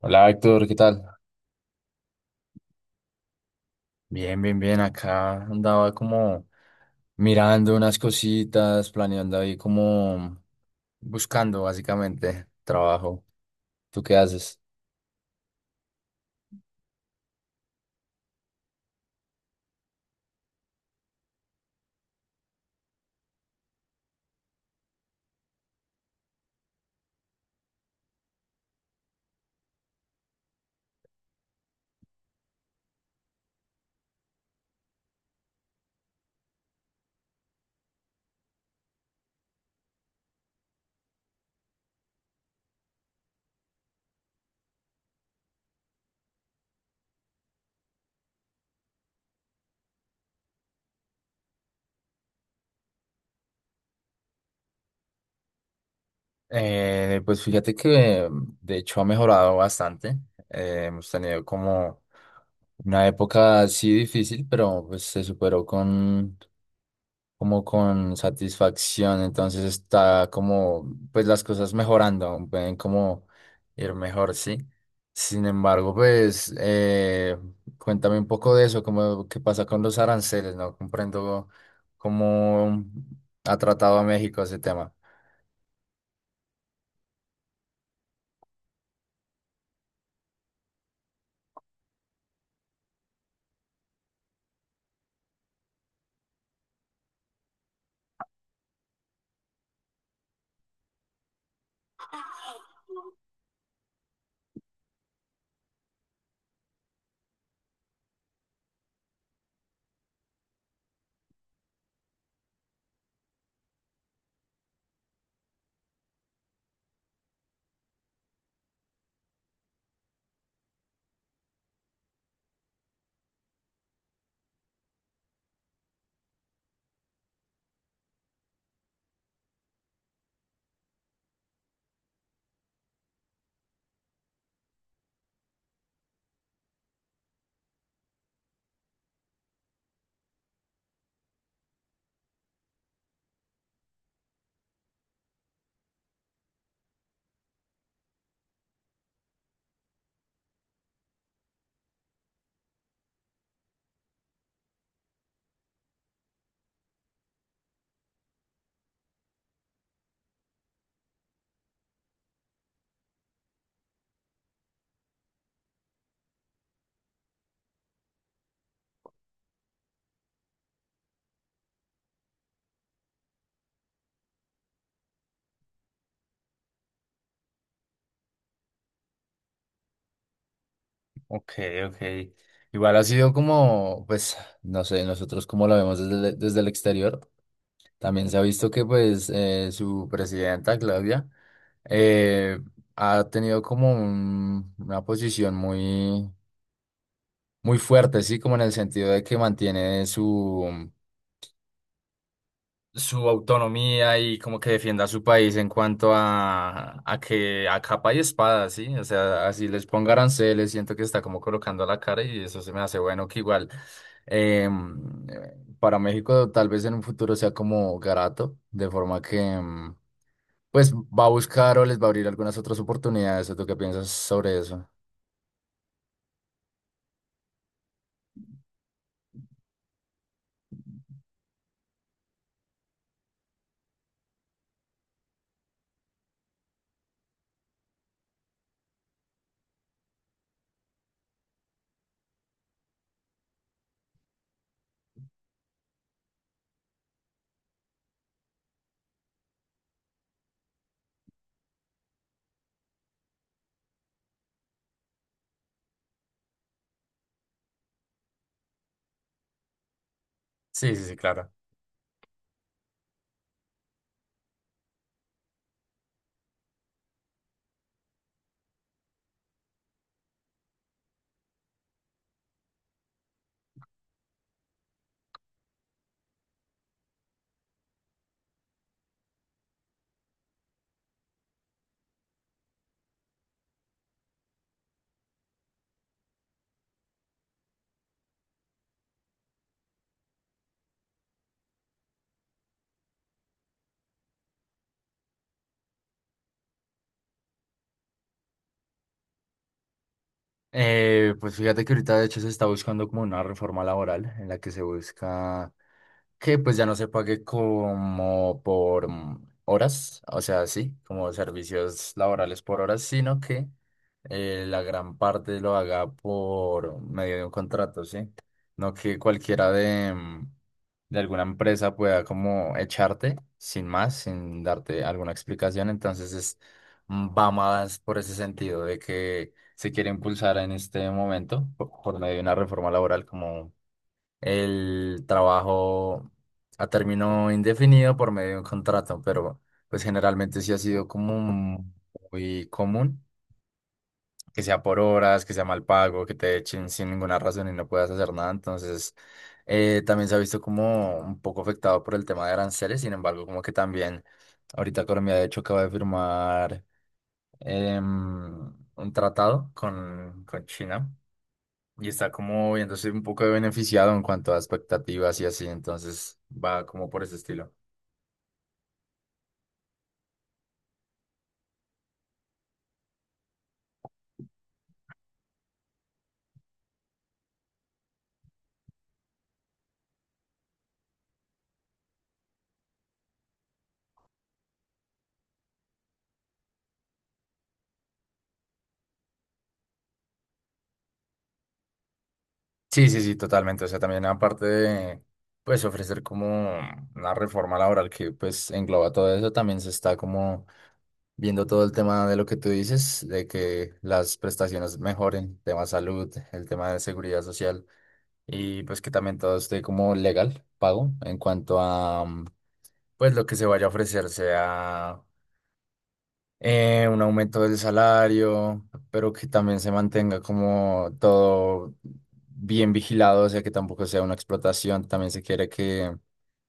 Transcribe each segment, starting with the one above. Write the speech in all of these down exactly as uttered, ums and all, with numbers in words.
Hola Héctor, ¿qué tal? Bien, bien, bien. Acá andaba como mirando unas cositas, planeando ahí como buscando básicamente trabajo. ¿Tú qué haces? Eh, pues fíjate que de hecho ha mejorado bastante. Eh, hemos tenido como una época así difícil, pero pues se superó con, como con satisfacción, entonces está como, pues las cosas mejorando, pueden como ir mejor, sí. Sin embargo, pues eh, cuéntame un poco de eso, como qué pasa con los aranceles, no comprendo cómo ha tratado a México ese tema. Ok, ok. Igual ha sido como, pues, no sé, nosotros como lo vemos desde, el- desde el exterior. También se ha visto que pues eh, su presidenta, Claudia, eh, ha tenido como un- una posición muy, muy fuerte, sí, como en el sentido de que mantiene su, su autonomía y como que defienda a su país en cuanto a, a que a capa y espada, ¿sí? O sea, así les ponga aranceles, siento que está como colocando la cara y eso se me hace bueno que igual em, para México tal vez en un futuro sea como Garato, de forma que em, pues va a buscar o les va a abrir algunas otras oportunidades. ¿O ¿Tú qué piensas sobre eso? Sí, sí, sí, claro. Eh, pues fíjate que ahorita de hecho se está buscando como una reforma laboral en la que se busca que pues ya no se pague como por mm, horas, o sea, sí, como servicios laborales por horas, sino que eh, la gran parte lo haga por medio de un contrato, ¿sí? No que cualquiera de, mm, de alguna empresa pueda como echarte sin más, sin darte alguna explicación, entonces es, mm, va más por ese sentido de que se quiere impulsar en este momento po- por medio de una reforma laboral como el trabajo a término indefinido por medio de un contrato, pero pues generalmente sí ha sido como un- muy común que sea por horas, que sea mal pago, que te echen sin ninguna razón y no puedas hacer nada, entonces eh, también se ha visto como un poco afectado por el tema de aranceles, sin embargo como que también ahorita Colombia de hecho acaba de firmar em, un tratado con, con China y está como viéndose un poco beneficiado en cuanto a expectativas y así, entonces va como por ese estilo. Sí, sí, sí, totalmente. O sea, también aparte de, pues, ofrecer como una reforma laboral que, pues, engloba todo eso, también se está como viendo todo el tema de lo que tú dices, de que las prestaciones mejoren, tema salud, el tema de seguridad social y, pues, que también todo esté como legal, pago, en cuanto a, mm, pues, lo que se vaya a ofrecer sea eh, un aumento del salario, pero que también se mantenga como todo bien vigilado, o sea, que tampoco sea una explotación. También se quiere que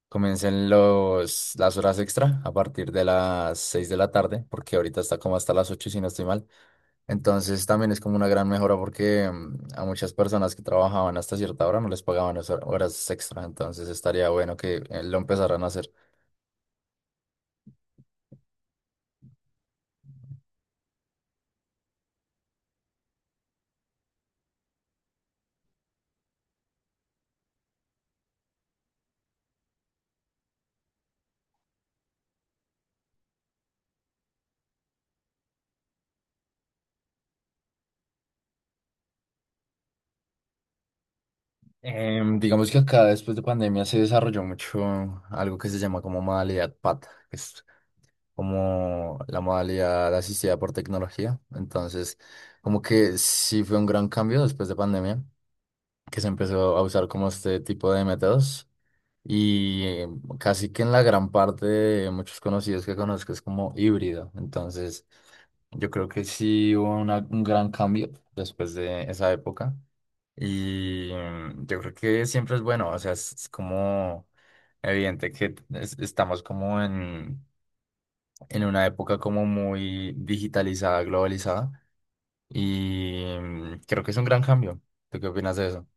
comiencen los, las horas extra a partir de las seis de la tarde, porque ahorita está como hasta las ocho si no estoy mal. Entonces también es como una gran mejora porque mm, a muchas personas que trabajaban hasta cierta hora no les pagaban esas horas extra, entonces estaría bueno que eh, lo empezaran a hacer. Em, digamos que acá después de pandemia se desarrolló mucho algo que se llama como modalidad P A T, que es como la modalidad asistida por tecnología. Entonces, como que sí fue un gran cambio después de pandemia, que se empezó a usar como este tipo de métodos. Y eh, casi que en la gran parte de muchos conocidos que conozco es como híbrido. Entonces, yo creo que sí hubo una- un gran cambio después de esa época. Y mm, yo creo que siempre es bueno, o sea, es, es como evidente que es- estamos como en, en una época como muy digitalizada, globalizada, y mm, creo que es un gran cambio. ¿Tú qué opinas de eso?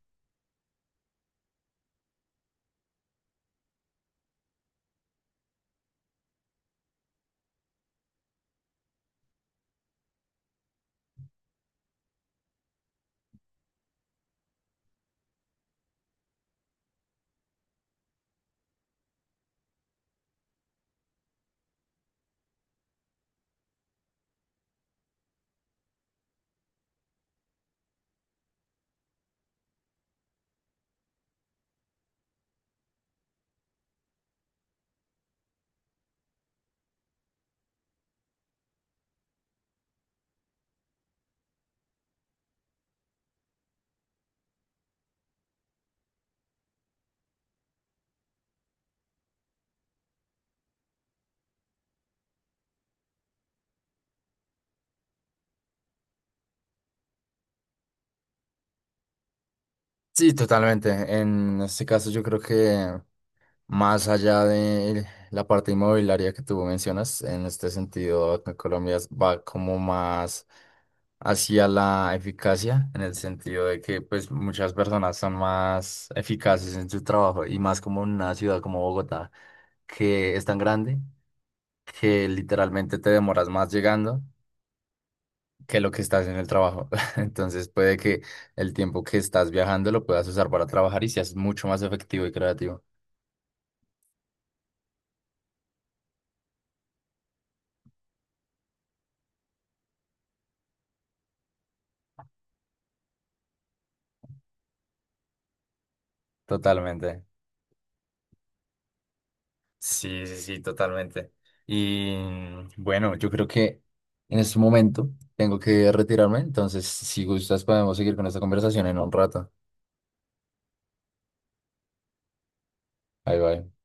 Sí, totalmente. En este caso yo creo que más allá de la parte inmobiliaria que tú mencionas, en este sentido, acá en Colombia va como más hacia la eficacia, en el sentido de que pues muchas personas son más eficaces en su trabajo y más como en una ciudad como Bogotá, que es tan grande que literalmente te demoras más llegando que lo que estás en el trabajo. Entonces puede que el tiempo que estás viajando lo puedas usar para trabajar y seas mucho más efectivo y creativo. Totalmente. Sí, sí, sí, totalmente. Y bueno, yo creo que en este momento tengo que retirarme, entonces si gustas podemos seguir con esta conversación en un rato. Bye bye.